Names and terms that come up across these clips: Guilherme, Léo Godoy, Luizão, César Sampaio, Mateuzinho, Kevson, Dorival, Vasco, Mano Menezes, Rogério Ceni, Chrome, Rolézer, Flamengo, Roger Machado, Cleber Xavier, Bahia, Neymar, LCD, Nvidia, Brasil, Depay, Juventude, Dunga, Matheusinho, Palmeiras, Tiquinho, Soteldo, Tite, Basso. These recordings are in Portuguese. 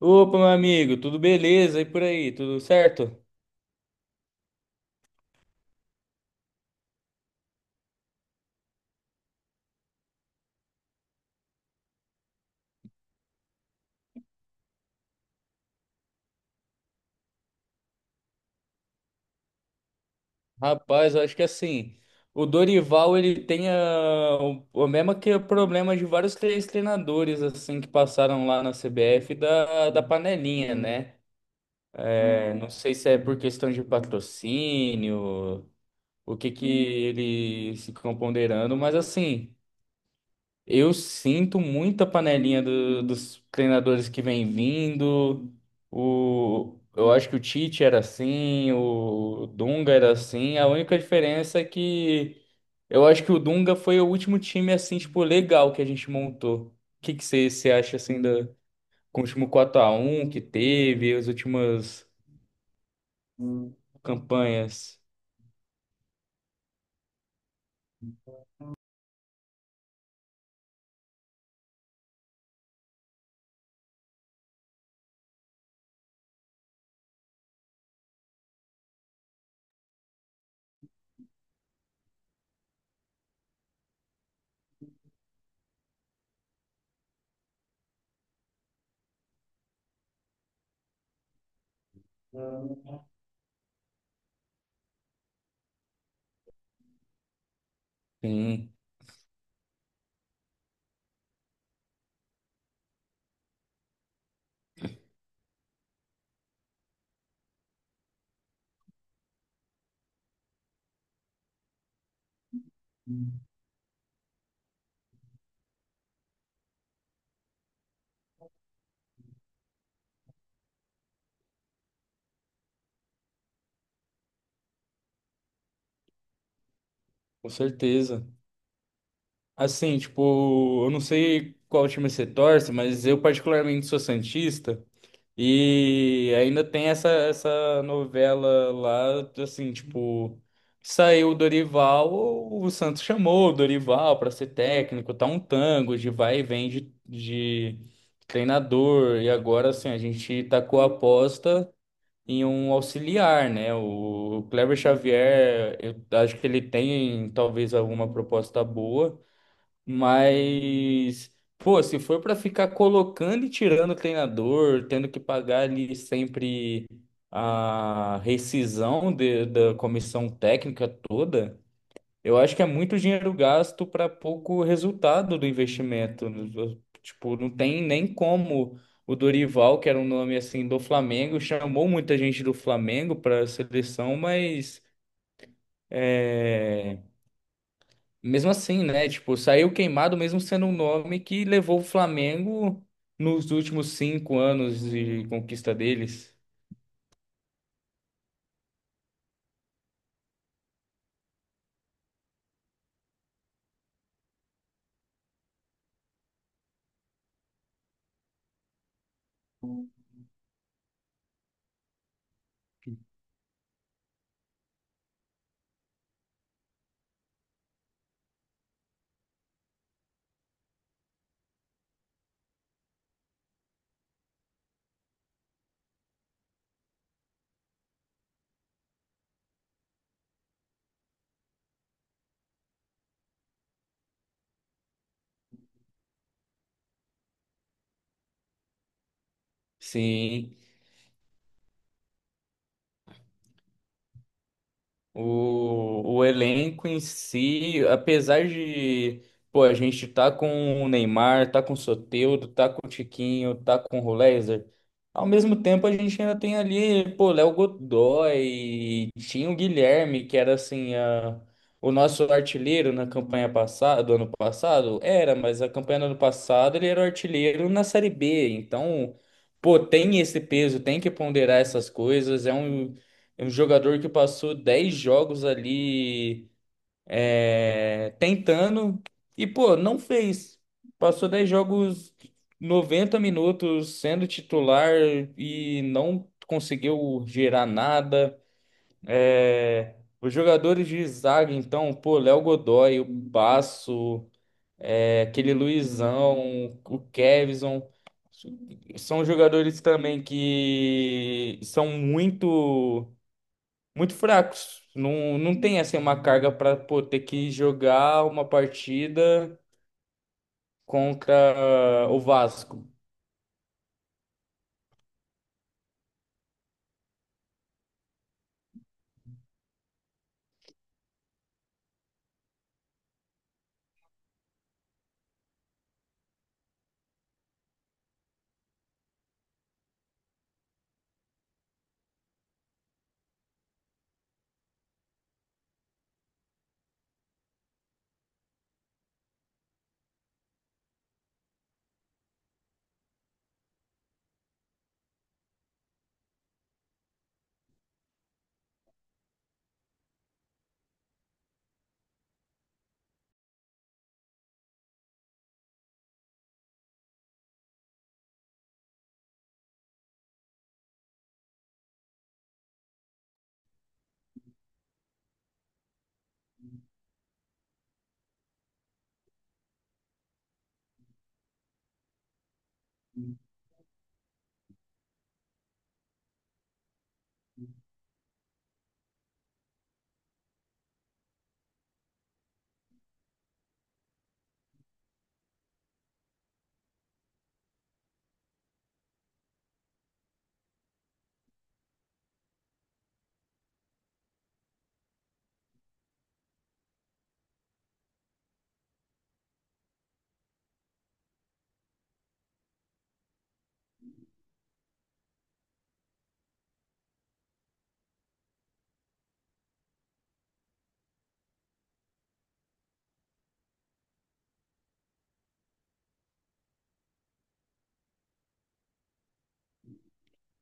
Opa, meu amigo, tudo beleza? E por aí, tudo certo? Rapaz, eu acho que assim, o Dorival ele tem o mesmo que o problema de vários três treinadores assim que passaram lá na CBF da panelinha, né? É, não sei se é por questão de patrocínio, o que que ele se componderando, mas assim. Eu sinto muita panelinha do- dos treinadores que vem vindo. O, eu acho que o Tite era assim, o Dunga era assim. A única diferença é que eu acho que o Dunga foi o último time assim, tipo, legal que a gente montou. O que que você acha assim da, com o último quatro a um que teve, as últimas campanhas? Sim, com certeza. Assim, tipo, eu não sei qual time você torce, mas eu particularmente sou santista. E ainda tem essa novela lá, assim, tipo, saiu o Dorival, o Santos chamou o Dorival para ser técnico, tá um tango de vai e vem de treinador. E agora, assim, a gente tacou a aposta em um auxiliar, né? O Cleber Xavier, eu acho que ele tem talvez alguma proposta boa. Mas, pô, se for pra ficar colocando e tirando o treinador, tendo que pagar ali sempre a rescisão de- da comissão técnica toda, eu acho que é muito dinheiro gasto para pouco resultado do investimento. Tipo, não tem nem como o Dorival, que era um nome assim do Flamengo, chamou muita gente do Flamengo para a seleção, mas é, mesmo assim, né? Tipo, saiu queimado mesmo sendo um nome que levou o Flamengo nos últimos cinco anos de conquista deles. Sim. O elenco em si, apesar de, pô, a gente tá com o Neymar, tá com o Soteldo, tá com o Tiquinho, tá com o Rolézer, ao mesmo tempo a gente ainda tem ali, pô, Léo Godoy, tinha o Guilherme, que era assim, a, o nosso artilheiro na campanha passada, do ano passado, era, mas a campanha do ano passado ele era o artilheiro na Série B, então, pô, tem esse peso, tem que ponderar essas coisas, é um jogador que passou 10 jogos ali é, tentando e, pô, não fez. Passou 10 jogos, 90 minutos sendo titular e não conseguiu gerar nada. É, os jogadores de zaga, então, pô, Léo Godoy, o Basso, é, aquele Luizão, o Kevson, são jogadores também que são muito. Muito fracos. Não tem assim uma carga para pô, ter que jogar uma partida contra ah, o Vasco.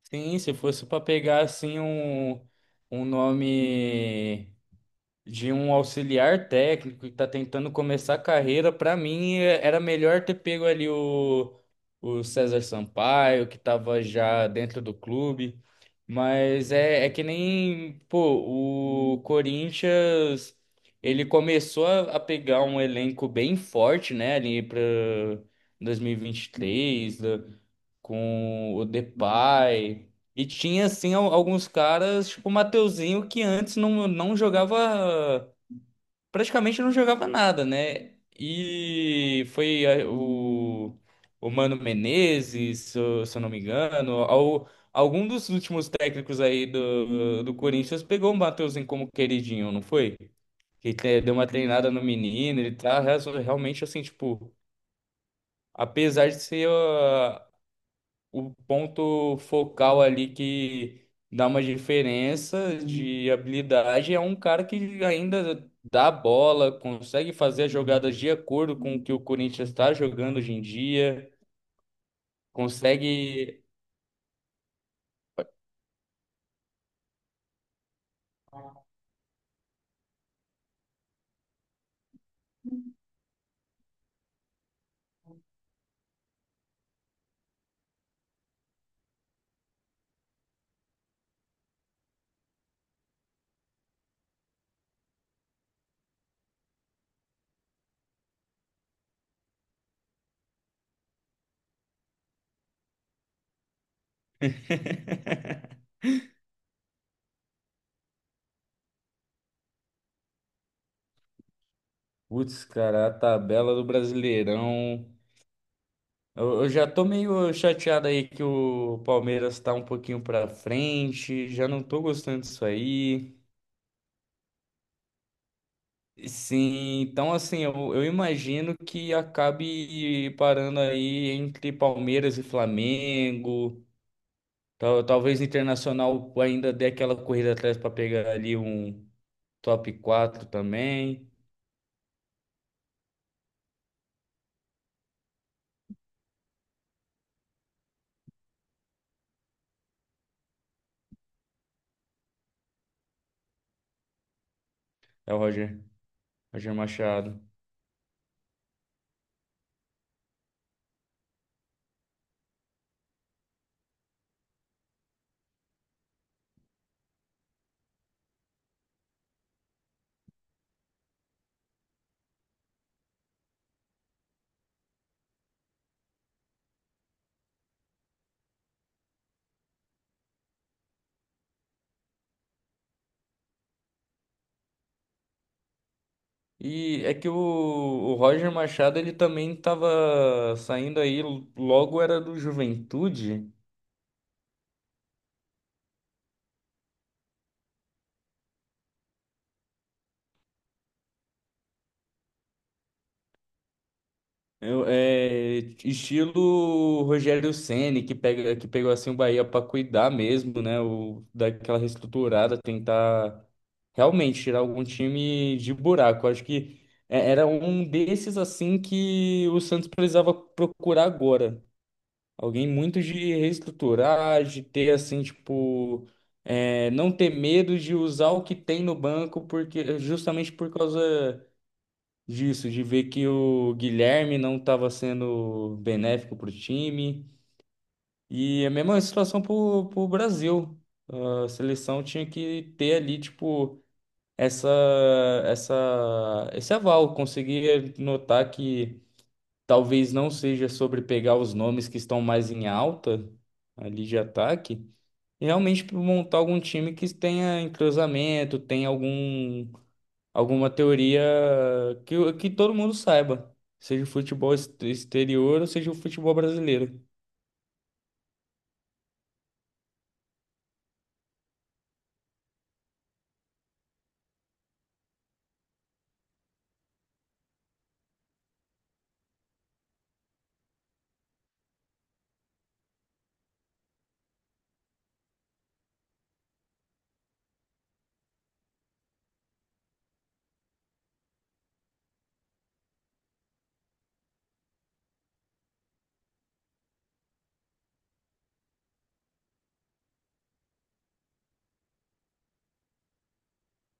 Sim, se fosse para pegar assim um, um nome de um auxiliar técnico que está tentando começar a carreira, para mim é- era melhor ter pego ali o César Sampaio, que estava já dentro do clube. Mas é, é que nem, pô, o Corinthians, ele começou a pegar um elenco bem forte, né, ali para 2023, da- com o Depay. E tinha, assim, al- alguns caras, tipo o Mateuzinho, que antes não jogava praticamente não jogava nada, né? E foi eh, o Mano Menezes, se eu não me engano, ao, algum dos últimos técnicos aí do, do Corinthians pegou o Matheusinho como queridinho, não foi? Que te- deu uma treinada no menino, ele tá real- realmente assim, tipo, apesar de ser. Ah, o ponto focal ali que dá uma diferença de habilidade é um cara que ainda dá a bola, consegue fazer as jogadas de acordo com o que o Corinthians está jogando hoje em dia, consegue. Putz, cara, a tabela do Brasileirão. Eu já tô meio chateado aí que o Palmeiras tá um pouquinho pra frente, já não tô gostando disso aí. Sim, então assim, eu imagino que acabe parando aí entre Palmeiras e Flamengo. Tal, talvez Internacional ainda dê aquela corrida atrás para pegar ali um top 4 também. É o Roger, Roger Machado. E é que o Roger Machado ele também estava saindo aí, logo era do Juventude. Eu- é, estilo Rogério Ceni que pega, que pegou assim o Bahia para cuidar mesmo, né? O, daquela reestruturada, tentar realmente tirar algum time de buraco. Acho que é- era um desses assim que o Santos precisava procurar agora. Alguém muito de reestruturar, de ter assim, tipo, é, não ter medo de usar o que tem no banco, porque justamente por causa disso, de ver que o Guilherme não estava sendo benéfico para o time. E a mesma situação para o Brasil. A seleção tinha que ter ali, tipo, essa, esse aval. Conseguir notar que talvez não seja sobre pegar os nomes que estão mais em alta ali de ataque. E realmente montar algum time que tenha entrosamento, tenha algum alguma teoria que todo mundo saiba, seja o futebol ex- exterior ou seja o futebol brasileiro.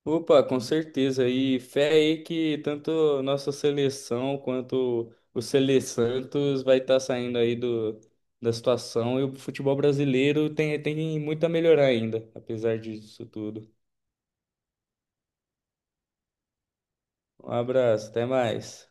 Opa, com certeza. E fé aí que tanto nossa seleção quanto o Sele Santos vai estar saindo aí do, da situação e o futebol brasileiro tem, tem muito a melhorar ainda, apesar disso tudo. Um abraço, até mais.